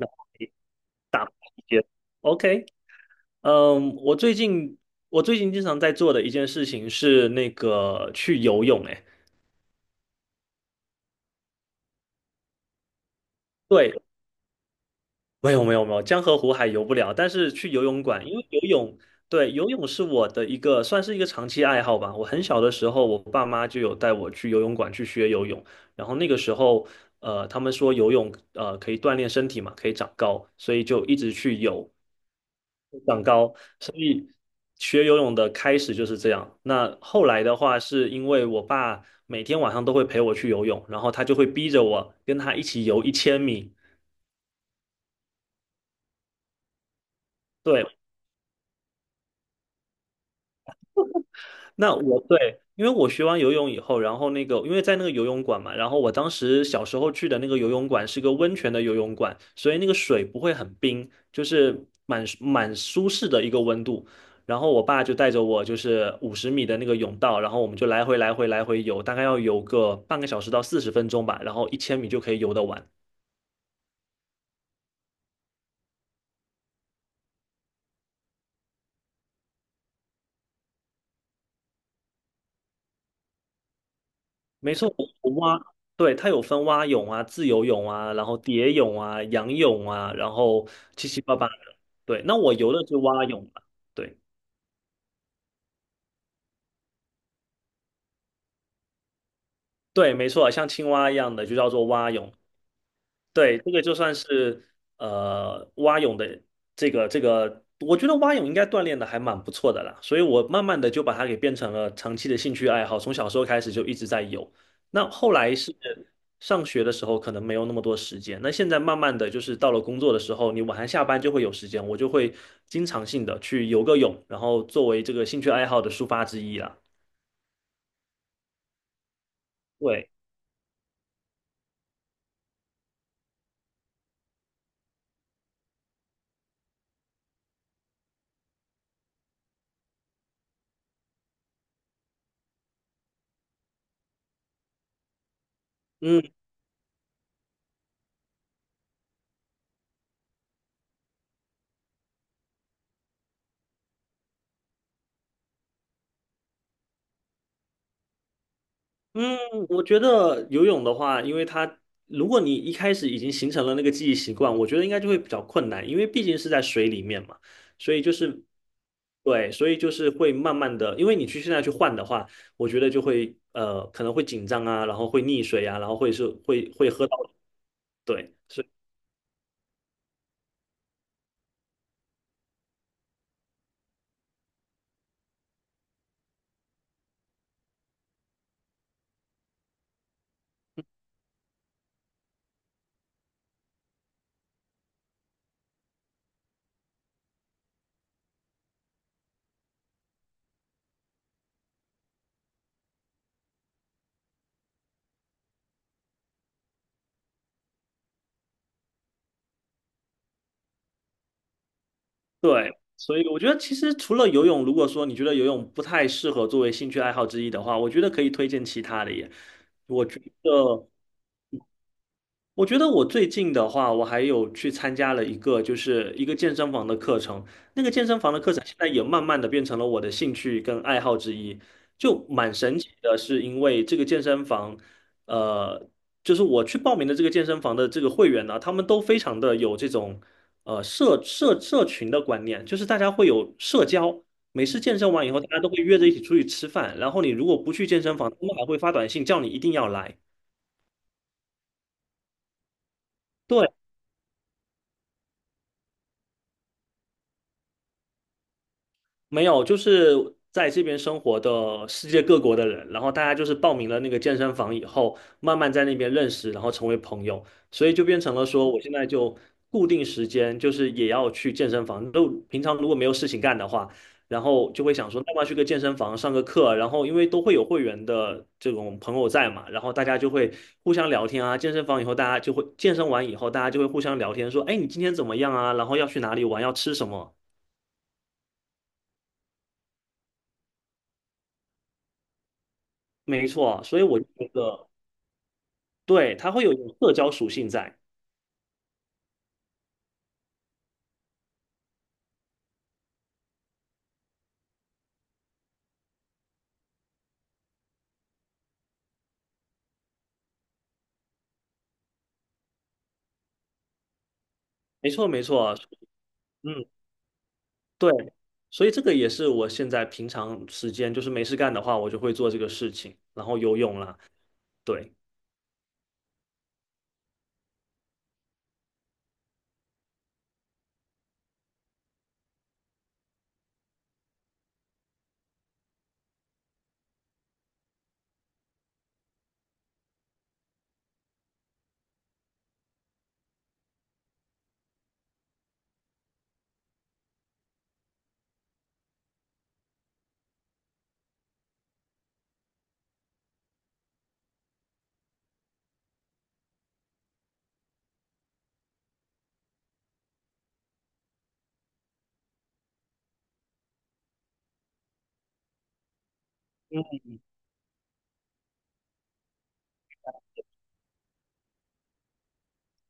那大些。OK，嗯，我最近我最近经常在做的一件事情是那个去游泳，哎，对，没有没有没有，江河湖海游不了，但是去游泳馆，因为游泳，对，游泳是我的一个算是一个长期爱好吧。我很小的时候，我爸妈就有带我去游泳馆去学游泳，然后那个时候，他们说游泳可以锻炼身体嘛，可以长高，所以就一直去游。长高，所以学游泳的开始就是这样。那后来的话，是因为我爸每天晚上都会陪我去游泳，然后他就会逼着我跟他一起游一千米。对，那我对，因为我学完游泳以后，然后那个因为在那个游泳馆嘛，然后我当时小时候去的那个游泳馆是个温泉的游泳馆，所以那个水不会很冰，就是蛮舒适的一个温度。然后我爸就带着我，就是50米的那个泳道，然后我们就来回来回来回游，大概要游个半个小时到40分钟吧，然后一千米就可以游得完。没错，我我蛙，对，它有分蛙泳啊、自由泳啊，然后蝶泳啊、仰泳啊，然后七七八八的。对，那我游的是蛙泳嘛？对对，没错，像青蛙一样的就叫做蛙泳。对，这个就算是蛙泳的我觉得蛙泳应该锻炼的还蛮不错的啦，所以我慢慢的就把它给变成了长期的兴趣爱好，从小时候开始就一直在游。那后来是上学的时候可能没有那么多时间，那现在慢慢的就是到了工作的时候，你晚上下班就会有时间，我就会经常性的去游个泳，然后作为这个兴趣爱好的抒发之一啦。对。嗯。嗯，我觉得游泳的话，因为它如果你一开始已经形成了那个记忆习惯，我觉得应该就会比较困难，因为毕竟是在水里面嘛，所以就是对，所以就是会慢慢的，因为你去现在去换的话，我觉得就会可能会紧张啊，然后会溺水啊，然后会是会会喝到对，所以对，所以我觉得其实除了游泳，如果说你觉得游泳不太适合作为兴趣爱好之一的话，我觉得可以推荐其他的耶，我觉得。我觉得我最近的话，我还有去参加了一个，就是一个健身房的课程。那个健身房的课程现在也慢慢的变成了我的兴趣跟爱好之一，就蛮神奇的，是因为这个健身房，呃，就是我去报名的这个健身房的这个会员呢，他们都非常的有这种社群的观念，就是大家会有社交。每次健身完以后，大家都会约着一起出去吃饭，然后你如果不去健身房，他们还会发短信叫你一定要来。对。没有，就是在这边生活的世界各国的人，然后大家就是报名了那个健身房以后，慢慢在那边认识，然后成为朋友，所以就变成了说，我现在就固定时间就是也要去健身房。都平常如果没有事情干的话，然后就会想说，那么去个健身房上个课，然后因为都会有会员的这种朋友在嘛，然后大家就会互相聊天啊。健身房以后，大家就会健身完以后，大家就会互相聊天，说，哎，你今天怎么样啊？然后要去哪里玩，要吃什么。没错，所以我就觉得，对，它会有一种社交属性在。没错，没错，嗯，对，所以这个也是我现在平常时间就是没事干的话，我就会做这个事情，然后游泳啦，对。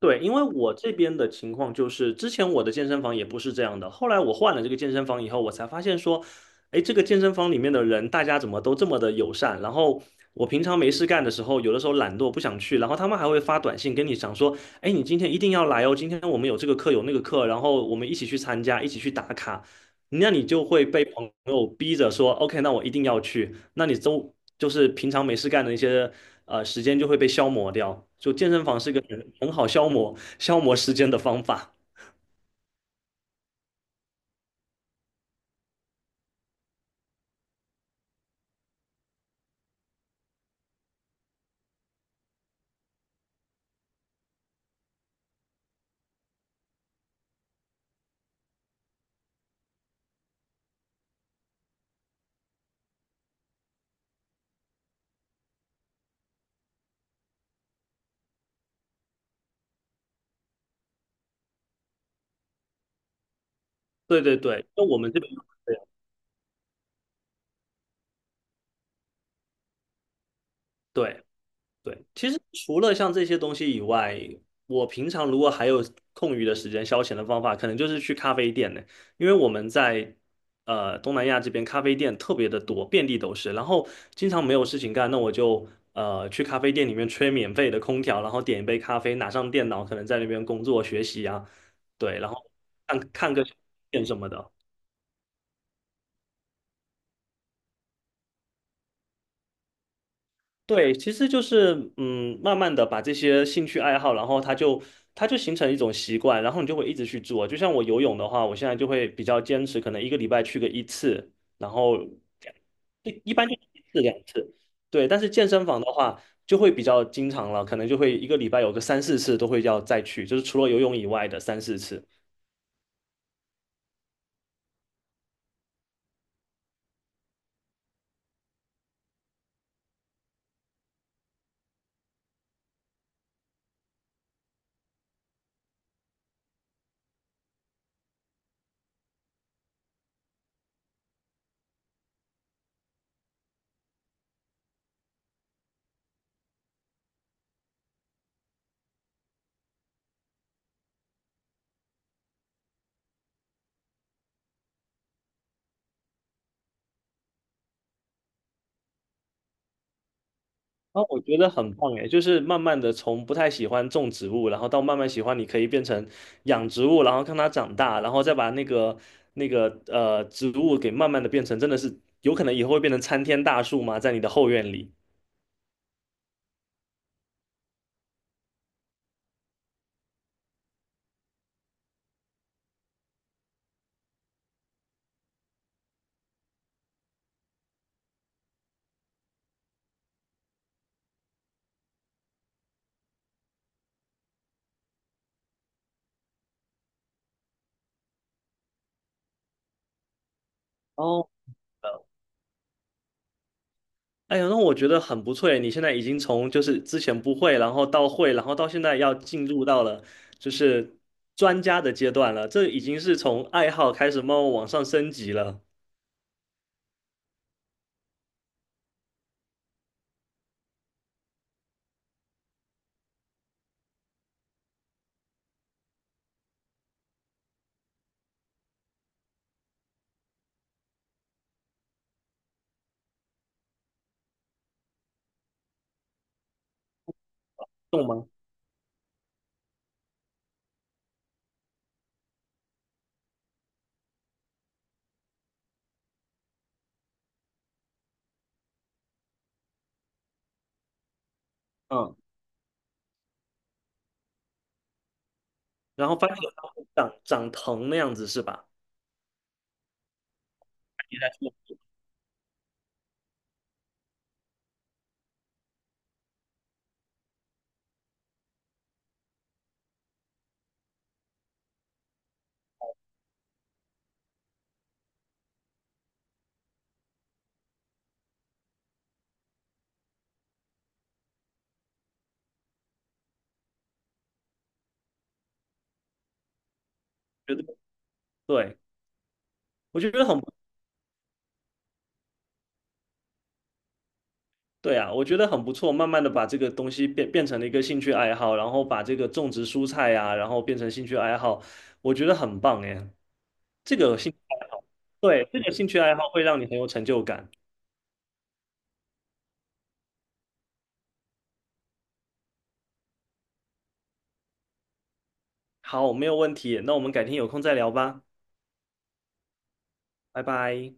对，因为我这边的情况就是，之前我的健身房也不是这样的，后来我换了这个健身房以后，我才发现说，哎，这个健身房里面的人，大家怎么都这么的友善？然后我平常没事干的时候，有的时候懒惰不想去，然后他们还会发短信跟你讲说，哎，你今天一定要来哦，今天我们有这个课有那个课，然后我们一起去参加，一起去打卡。那你就会被朋友逼着说，OK，那我一定要去。那你周就是平常没事干的一些时间就会被消磨掉。就健身房是一个很好消磨消磨时间的方法。对对对，那我们这边对对对，其实除了像这些东西以外，我平常如果还有空余的时间消遣的方法，可能就是去咖啡店呢。因为我们在东南亚这边咖啡店特别的多，遍地都是。然后经常没有事情干，那我就去咖啡店里面吹免费的空调，然后点一杯咖啡，拿上电脑，可能在那边工作学习啊，对，然后看看个电影什么的。对，其实就是嗯，慢慢的把这些兴趣爱好，然后它就形成一种习惯，然后你就会一直去做。就像我游泳的话，我现在就会比较坚持，可能一个礼拜去个一次，然后一般就一次两次。对，但是健身房的话就会比较经常了，可能就会一个礼拜有个三四次都会要再去，就是除了游泳以外的三四次。啊，我觉得很棒诶，就是慢慢的从不太喜欢种植物，然后到慢慢喜欢，你可以变成养植物，然后看它长大，然后再把那个那个植物给慢慢的变成，真的是有可能以后会变成参天大树吗？在你的后院里。哦，哎呀，那我觉得很不错诶，你现在已经从就是之前不会，然后到会，然后到现在要进入到了就是专家的阶段了，这已经是从爱好开始慢慢往上升级了，懂吗？嗯。然后发现有，长长藤那样子是吧？你来说，我觉得对，我觉得很不对啊，我觉得很不错。慢慢的把这个东西变成了一个兴趣爱好，然后把这个种植蔬菜呀、然后变成兴趣爱好，我觉得很棒哎。这个兴趣爱好，对，这个兴趣爱好会让你很有成就感。好，没有问题。那我们改天有空再聊吧，拜拜。